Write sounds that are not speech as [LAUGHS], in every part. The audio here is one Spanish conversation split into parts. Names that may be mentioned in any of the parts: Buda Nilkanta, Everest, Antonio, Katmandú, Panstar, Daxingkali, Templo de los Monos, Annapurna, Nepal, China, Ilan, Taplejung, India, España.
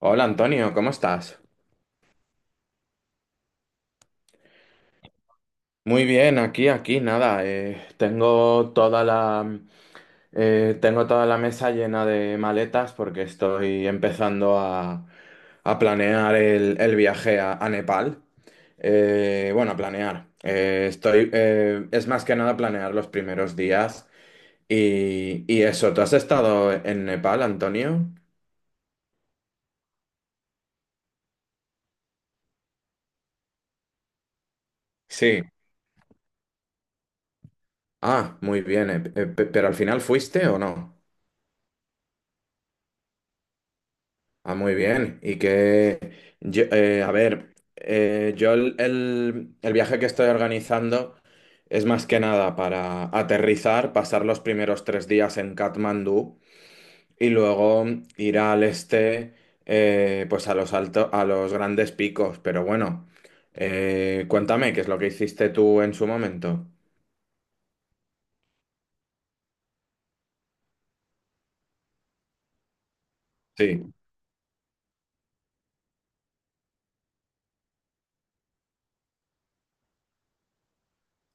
Hola Antonio, ¿cómo estás? Muy bien, aquí, aquí, nada. Tengo toda tengo toda la mesa llena de maletas porque estoy empezando a planear el viaje a Nepal. Bueno, a planear. Estoy, es más que nada planear los primeros días. Y eso, ¿tú has estado en Nepal, Antonio? Sí. Ah, muy bien. ¿Pero al final fuiste o no? Ah, muy bien. A ver, yo el viaje que estoy organizando es más que nada para aterrizar, pasar los primeros 3 días en Katmandú y luego ir al este, pues a los a los grandes picos. Pero bueno, cuéntame, ¿qué es lo que hiciste tú en su momento? Sí,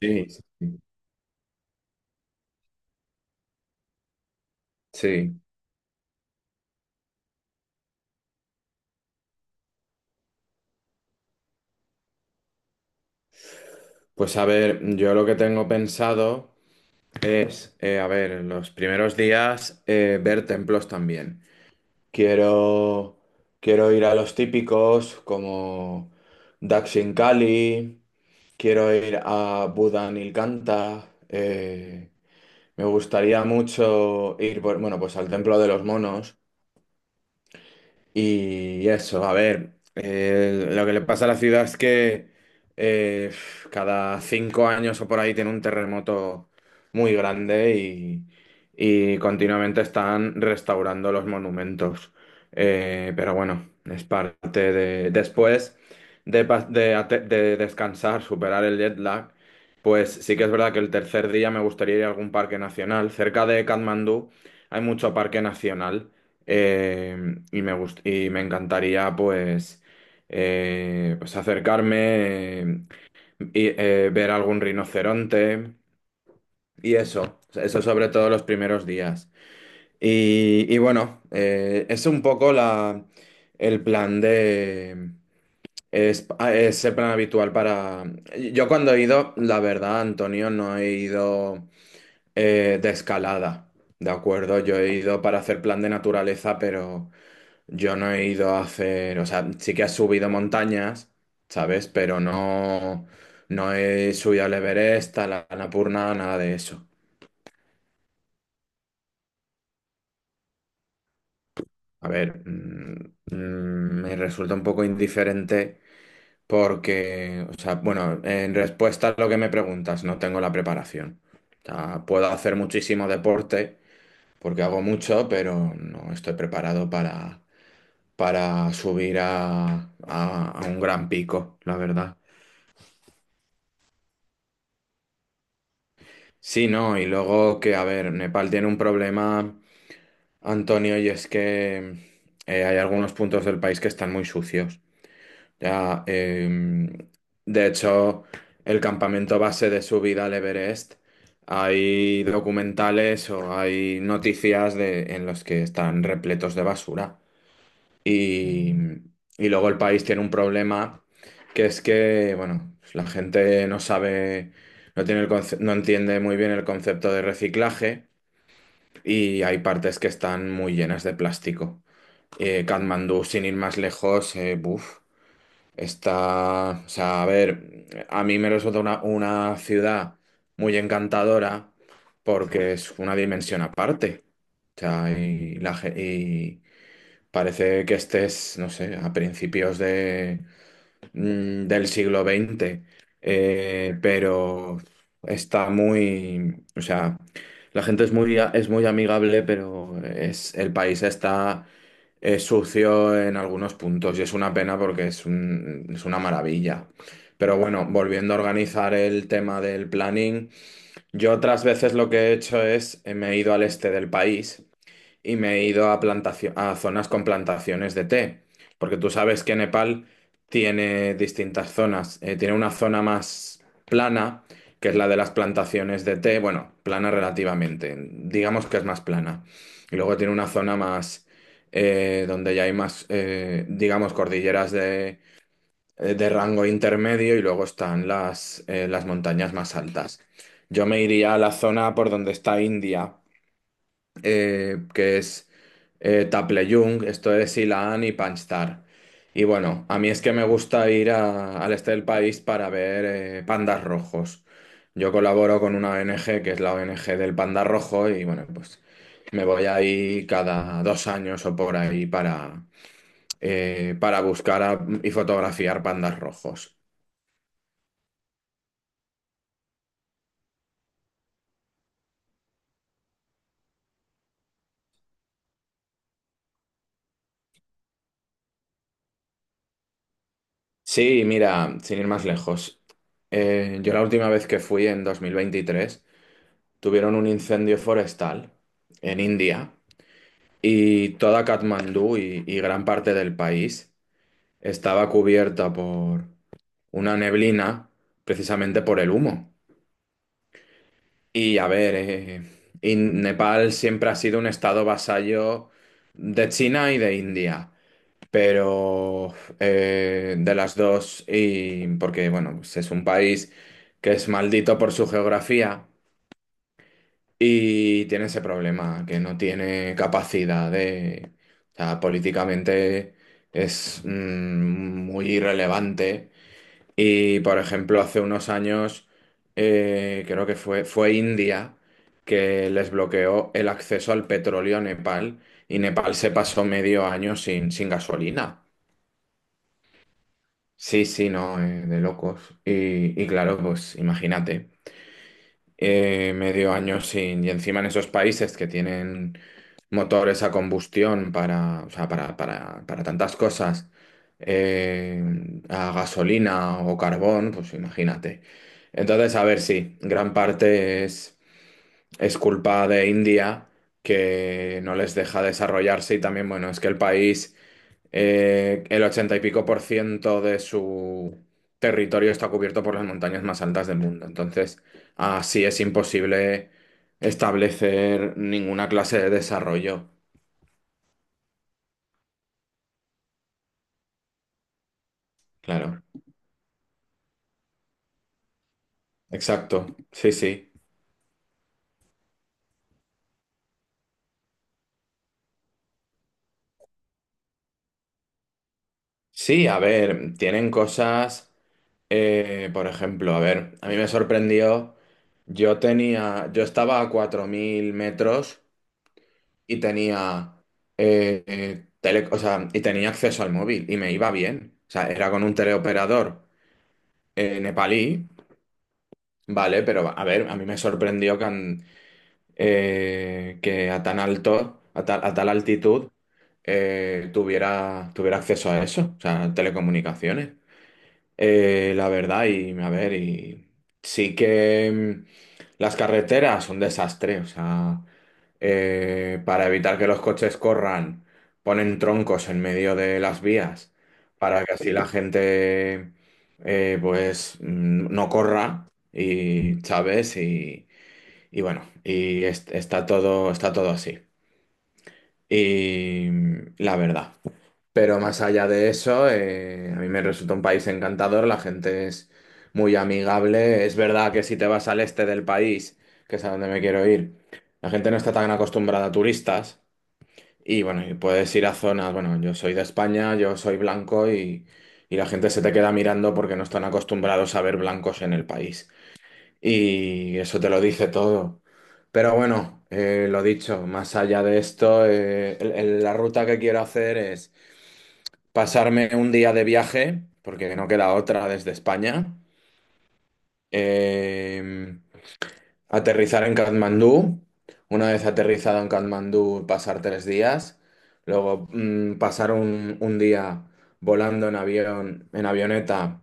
sí, sí. Sí. Pues a ver, yo lo que tengo pensado. Es, a ver, en los primeros días ver templos también. Quiero, quiero ir a los típicos como Daxingkali, quiero ir a Buda Nilkanta, me gustaría mucho ir, bueno, pues al Templo de los Monos, y eso, a ver, lo que le pasa a la ciudad es que eh, cada 5 años o por ahí tiene un terremoto muy grande y continuamente están restaurando los monumentos. Pero bueno, es parte de... Después de, pa- de ate- de descansar, superar el jet lag, pues sí que es verdad que el tercer día me gustaría ir a algún parque nacional. Cerca de Katmandú hay mucho parque nacional. Y y me encantaría pues, pues acercarme ver algún rinoceronte y eso sobre todo los primeros días. Y bueno, es un poco el plan de... Es, ah, es el plan habitual para... Yo cuando he ido, la verdad, Antonio, no he ido de escalada, ¿de acuerdo? Yo he ido para hacer plan de naturaleza, pero... Yo no he ido a hacer, o sea, sí que he subido montañas, ¿sabes? Pero no, no he subido al Everest, a la Annapurna, nada de eso. A ver, me resulta un poco indiferente porque, o sea, bueno, en respuesta a lo que me preguntas, no tengo la preparación. O sea, puedo hacer muchísimo deporte porque hago mucho, pero no estoy preparado para subir a un gran pico, la verdad. Sí, no, y luego que, a ver, Nepal tiene un problema, Antonio, y es que hay algunos puntos del país que están muy sucios. Ya, de hecho, el campamento base de subida al Everest, hay documentales o hay noticias de, en los que están repletos de basura. Y, y luego el país tiene un problema que es que, bueno, pues la gente no sabe, no tiene el no entiende muy bien el concepto de reciclaje y hay partes que están muy llenas de plástico. Katmandú, sin ir más lejos, buf, está, o sea, a ver, a mí me resulta una ciudad muy encantadora porque es una dimensión aparte. O sea, parece que estés, no sé, a principios de, del siglo XX, pero está muy, o sea, la gente es muy, es muy amigable, pero es, el país está sucio en algunos puntos y es una pena porque es una maravilla. Pero bueno, volviendo a organizar el tema del planning, yo otras veces lo que he hecho es, me he ido al este del país y me he ido a a zonas con plantaciones de té, porque tú sabes que Nepal tiene distintas zonas. Tiene una zona más plana, que es la de las plantaciones de té, bueno, plana relativamente, digamos que es más plana. Y luego tiene una zona más donde ya hay más, digamos, cordilleras de rango intermedio y luego están las montañas más altas. Yo me iría a la zona por donde está India que es Taplejung, esto es Ilan y Panstar. Y bueno, a mí es que me gusta ir al este del país para ver pandas rojos. Yo colaboro con una ONG que es la ONG del panda rojo y bueno, pues me voy ahí cada 2 años o por ahí para y fotografiar pandas rojos. Sí, mira, sin ir más lejos. Yo la última vez que fui en 2023 tuvieron un incendio forestal en India y toda Katmandú y gran parte del país estaba cubierta por una neblina precisamente por el humo. Y a ver, y Nepal siempre ha sido un estado vasallo de China y de India. Pero de las dos, y porque bueno, pues es un país que es maldito por su geografía. Y tiene ese problema, que no tiene capacidad de... O sea, políticamente es muy irrelevante. Y, por ejemplo, hace unos años, creo que fue India que les bloqueó el acceso al petróleo a Nepal y Nepal se pasó medio año sin, sin gasolina. Sí, sí, no, de locos. Y claro, pues imagínate. Medio año sin. Y encima en esos países que tienen motores a combustión para, o sea, para tantas cosas, eh, a gasolina o carbón, pues imagínate. Entonces, a ver, sí, gran parte es culpa de India que no les deja desarrollarse y también, bueno, es que el país el 80 y pico por ciento de su territorio está cubierto por las montañas más altas del mundo. Entonces, así es imposible establecer ninguna clase de desarrollo. Claro, exacto. Sí, sí. Sí, a ver, tienen cosas, por ejemplo, a ver, a mí me sorprendió, yo tenía, yo estaba a 4000 metros y tenía, o sea, y tenía acceso al móvil y me iba bien. O sea, era con un teleoperador nepalí, ¿vale? Pero a ver, a mí me sorprendió que a tan alto, a tal altitud, tuviera acceso a eso, o sea, telecomunicaciones. La verdad, y a ver, y sí que mm, las carreteras son un desastre, o sea, para evitar que los coches corran, ponen troncos en medio de las vías para que así la gente no corra y, ¿sabes? Y bueno, y está todo así. La verdad. Pero más allá de eso, a mí me resulta un país encantador, la gente es muy amigable. Es verdad que si te vas al este del país, que es a donde me quiero ir, la gente no está tan acostumbrada a turistas. Y bueno, y puedes ir a zonas, bueno, yo soy de España, yo soy blanco y la gente se te queda mirando porque no están acostumbrados a ver blancos en el país. Y eso te lo dice todo. Pero bueno, lo dicho, más allá de esto, la ruta que quiero hacer es pasarme un día de viaje, porque no queda otra desde España, eh, aterrizar en Katmandú, una vez aterrizado en Katmandú pasar 3 días, luego pasar un día volando en avión, en avioneta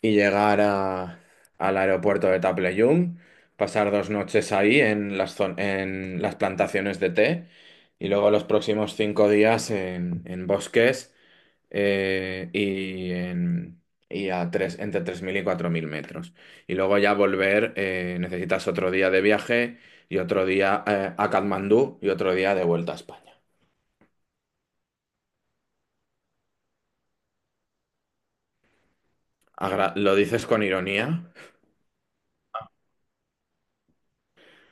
y llegar al aeropuerto de Taplejung, pasar dos noches ahí en en las plantaciones de té. Y luego los próximos 5 días en bosques eh, y, en- y a tres, entre 3000 y 4000 metros. Y luego ya volver, necesitas otro día de viaje y otro día a Katmandú y otro día de vuelta a España. ¿Lo dices con ironía?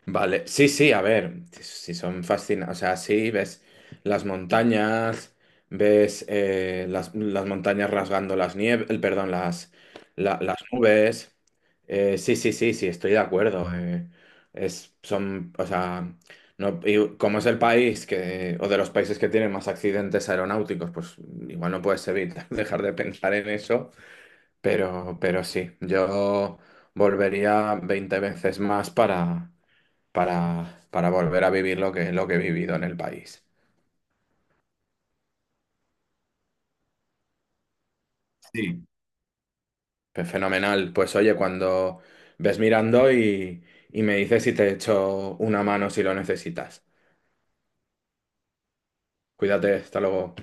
Vale, sí, sí, a ver, si son fascinantes, o sea, sí, ves las montañas, ves las montañas rasgando las nieves, perdón, las nubes. Sí, sí, sí, sí, estoy de acuerdo, es, son, o sea, no, y como es el país que, o de los países que tienen más accidentes aeronáuticos, pues igual no puedes evitar [LAUGHS] dejar de pensar en eso, pero sí, yo volvería 20 veces más para volver a vivir lo que he vivido en el país. Sí. Pues fenomenal. Pues oye, cuando ves mirando y me dices si te echo una mano si lo necesitas. Cuídate, hasta luego.